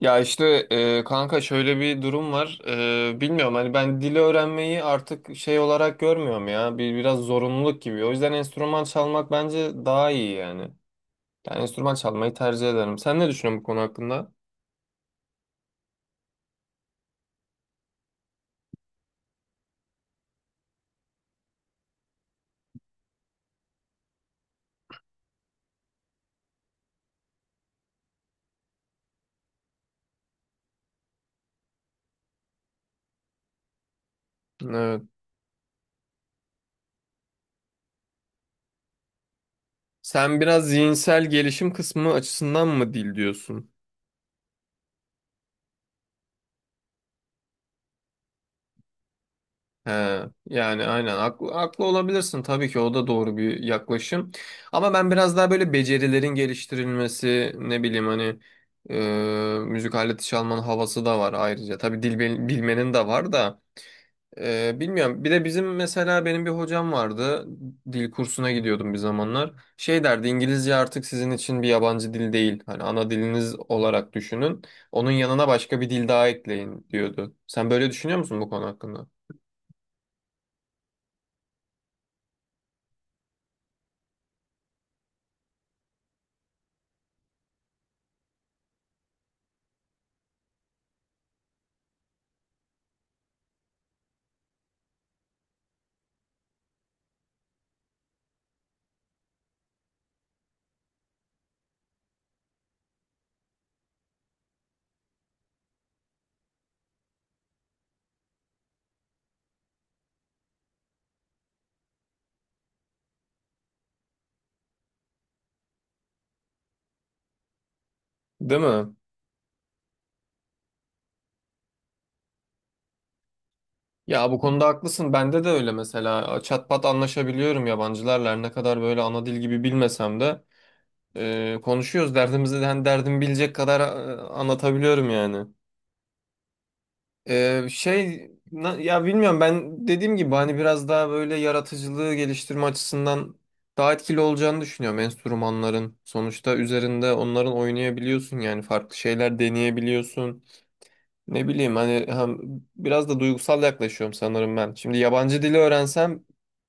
Ya işte kanka şöyle bir durum var. Bilmiyorum hani ben dili öğrenmeyi artık şey olarak görmüyorum ya. Bir biraz zorunluluk gibi. O yüzden enstrüman çalmak bence daha iyi yani. Yani enstrüman çalmayı tercih ederim. Sen ne düşünüyorsun bu konu hakkında? Evet. Sen biraz zihinsel gelişim kısmı açısından mı dil diyorsun? He, yani aynen haklı, haklı olabilirsin tabii ki o da doğru bir yaklaşım. Ama ben biraz daha böyle becerilerin geliştirilmesi ne bileyim hani müzik aleti çalmanın havası da var ayrıca. Tabii dil bilmenin de var da bilmiyorum. Bir de bizim mesela benim bir hocam vardı, dil kursuna gidiyordum bir zamanlar. Şey derdi, İngilizce artık sizin için bir yabancı dil değil. Hani ana diliniz olarak düşünün. Onun yanına başka bir dil daha ekleyin diyordu. Sen böyle düşünüyor musun bu konu hakkında? Değil mi? Ya bu konuda haklısın. Bende de öyle mesela. Çatpat anlaşabiliyorum yabancılarla. Her ne kadar böyle ana dil gibi bilmesem de konuşuyoruz. Derdimizi de hani derdimi bilecek kadar anlatabiliyorum yani. Ya bilmiyorum, ben dediğim gibi hani biraz daha böyle yaratıcılığı geliştirme açısından daha etkili olacağını düşünüyorum enstrümanların. Sonuçta üzerinde onların oynayabiliyorsun, yani farklı şeyler deneyebiliyorsun. Ne bileyim hani, hem biraz da duygusal yaklaşıyorum sanırım ben. Şimdi yabancı dili öğrensem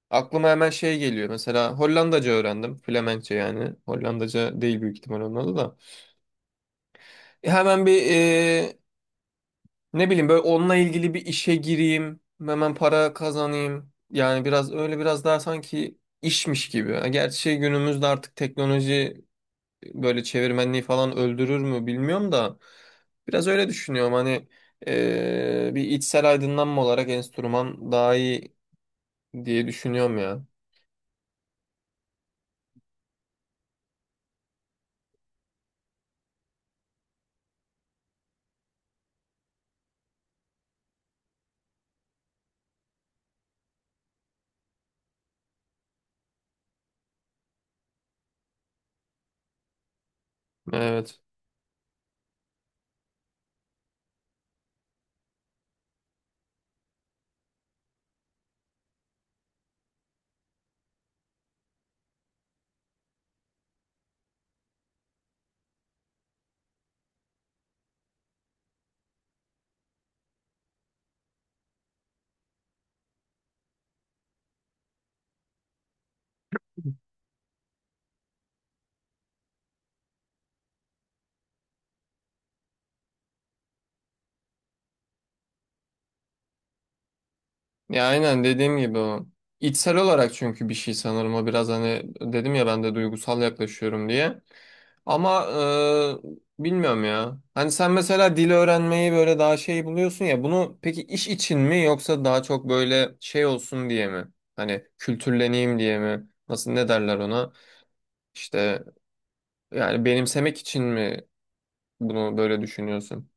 aklıma hemen şey geliyor. Mesela Hollandaca öğrendim. Flemenkçe yani. Hollandaca değil büyük ihtimal onun adı da. Hemen bir ne bileyim böyle onunla ilgili bir işe gireyim. Hemen para kazanayım. Yani biraz öyle, biraz daha sanki işmiş gibi. Ha, gerçi şey, günümüzde artık teknoloji böyle çevirmenliği falan öldürür mü bilmiyorum da biraz öyle düşünüyorum hani, bir içsel aydınlanma olarak enstrüman daha iyi diye düşünüyorum ya. Evet. Ya aynen dediğim gibi o. İçsel olarak, çünkü bir şey sanırım o biraz hani, dedim ya ben de duygusal yaklaşıyorum diye. Ama bilmiyorum ya. Hani sen mesela dil öğrenmeyi böyle daha şey buluyorsun ya. Bunu peki iş için mi yoksa daha çok böyle şey olsun diye mi? Hani kültürleneyim diye mi? Nasıl ne derler ona? İşte, yani benimsemek için mi bunu böyle düşünüyorsun?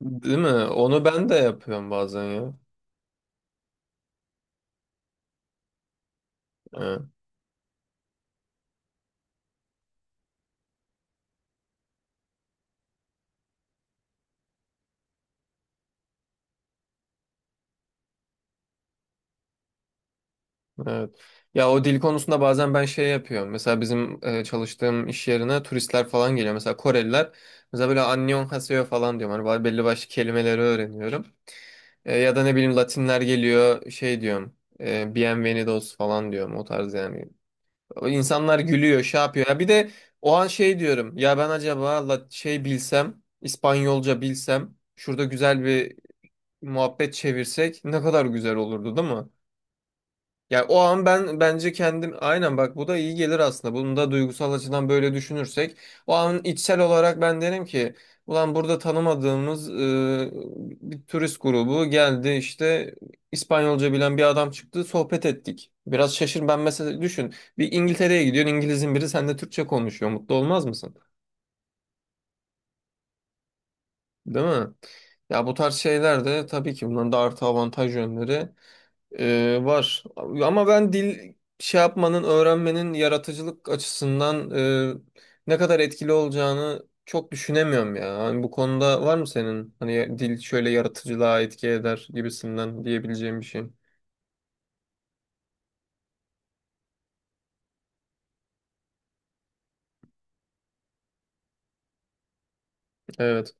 Değil mi? Onu ben de yapıyorum bazen ya. Evet. Ya o dil konusunda bazen ben şey yapıyorum. Mesela bizim çalıştığım iş yerine turistler falan geliyor. Mesela Koreliler. Mesela böyle Annyeonghaseyo falan diyorum. Hani belli başlı kelimeleri öğreniyorum. Ya da ne bileyim Latinler geliyor, şey diyorum. Bienvenidos falan diyorum. O tarz yani. O İnsanlar gülüyor, şey yapıyor. Ya bir de o an şey diyorum. Ya ben acaba bilsem, İspanyolca bilsem, şurada güzel bir muhabbet çevirsek ne kadar güzel olurdu, değil mi? Ya o an ben bence kendim, aynen bak bu da iyi gelir aslında. Bunu da duygusal açıdan böyle düşünürsek o an içsel olarak ben derim ki, ulan burada tanımadığımız bir turist grubu geldi işte, İspanyolca bilen bir adam çıktı, sohbet ettik. Biraz şaşır, ben mesela düşün, bir İngiltere'ye gidiyorsun, İngiliz'in biri seninle Türkçe konuşuyor, mutlu olmaz mısın? Değil mi? Ya bu tarz şeyler de tabii ki, bunların da artı avantaj yönleri var. Ama ben dil şey yapmanın, öğrenmenin yaratıcılık açısından ne kadar etkili olacağını çok düşünemiyorum ya. Hani bu konuda var mı senin hani dil şöyle yaratıcılığa etki eder gibisinden diyebileceğim bir şey? Evet.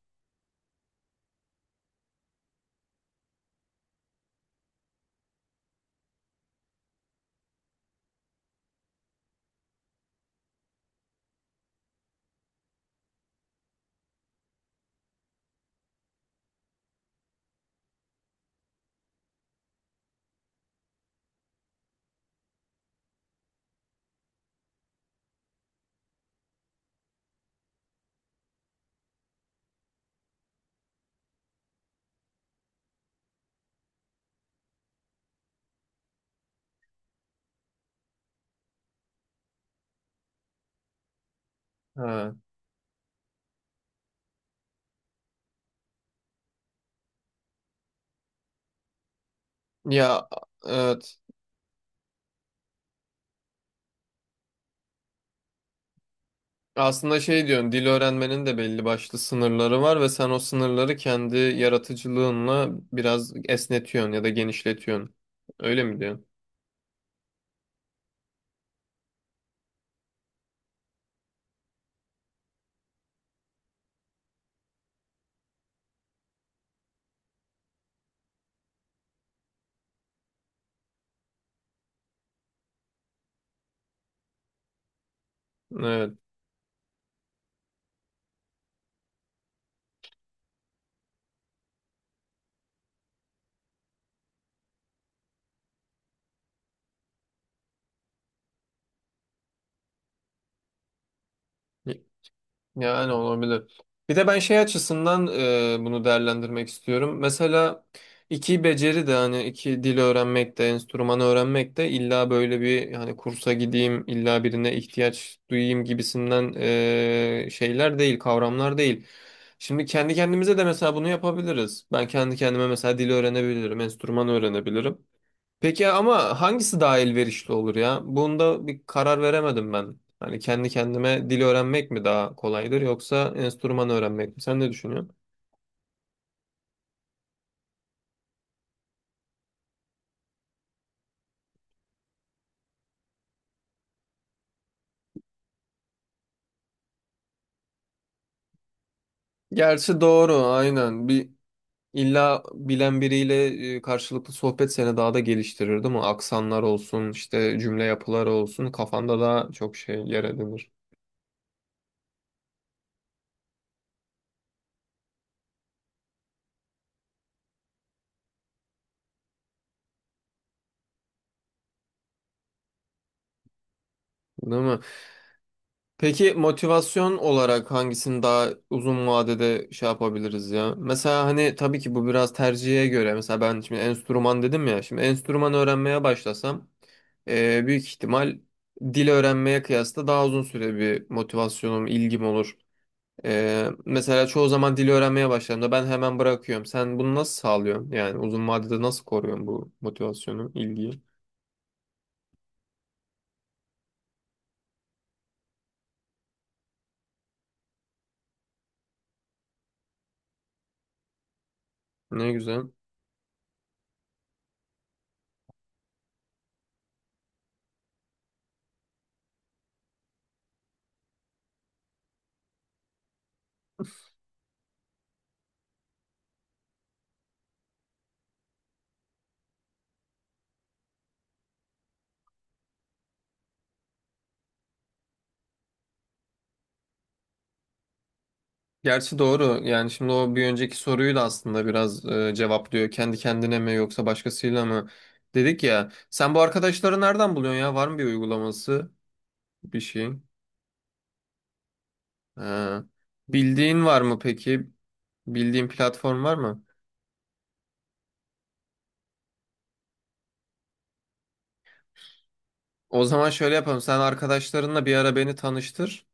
Ha. Ya evet. Aslında şey diyorsun, dil öğrenmenin de belli başlı sınırları var ve sen o sınırları kendi yaratıcılığınla biraz esnetiyorsun ya da genişletiyorsun. Öyle mi diyorsun? Evet. Yani olabilir. Bir de ben şey açısından bunu değerlendirmek istiyorum. Mesela iki beceri de, hani iki dil öğrenmek de enstrümanı öğrenmek de illa böyle bir hani kursa gideyim, illa birine ihtiyaç duyayım gibisinden şeyler değil, kavramlar değil. Şimdi kendi kendimize de mesela bunu yapabiliriz. Ben kendi kendime mesela dil öğrenebilirim, enstrüman öğrenebilirim. Peki ama hangisi daha elverişli olur ya? Bunda bir karar veremedim ben. Hani kendi kendime dil öğrenmek mi daha kolaydır yoksa enstrüman öğrenmek mi? Sen ne düşünüyorsun? Gerçi doğru, aynen. Bir illa bilen biriyle karşılıklı sohbet seni daha da geliştirir değil mi? Aksanlar olsun, işte cümle yapıları olsun kafanda daha çok şey yer edinir. Değil mi? Peki motivasyon olarak hangisini daha uzun vadede şey yapabiliriz ya? Mesela hani tabii ki bu biraz tercihe göre. Mesela ben şimdi enstrüman dedim ya. Şimdi enstrüman öğrenmeye başlasam büyük ihtimal dil öğrenmeye kıyasla daha uzun süre bir motivasyonum, ilgim olur. Mesela çoğu zaman dil öğrenmeye başladığımda ben hemen bırakıyorum. Sen bunu nasıl sağlıyorsun? Yani uzun vadede nasıl koruyorsun bu motivasyonu, ilgiyi? Ne güzel. Gerçi doğru. Yani şimdi o bir önceki soruyu da aslında biraz cevaplıyor. Kendi kendine mi yoksa başkasıyla mı? Dedik ya. Sen bu arkadaşları nereden buluyorsun ya? Var mı bir uygulaması? Bir şey. Ha. Bildiğin var mı peki? Bildiğin platform var mı? O zaman şöyle yapalım. Sen arkadaşlarınla bir ara beni tanıştır.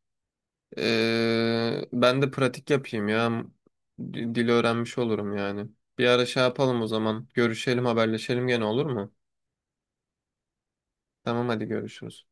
Ben de pratik yapayım ya. Dili öğrenmiş olurum yani. Bir ara şey yapalım o zaman. Görüşelim, haberleşelim gene, olur mu? Tamam hadi, görüşürüz.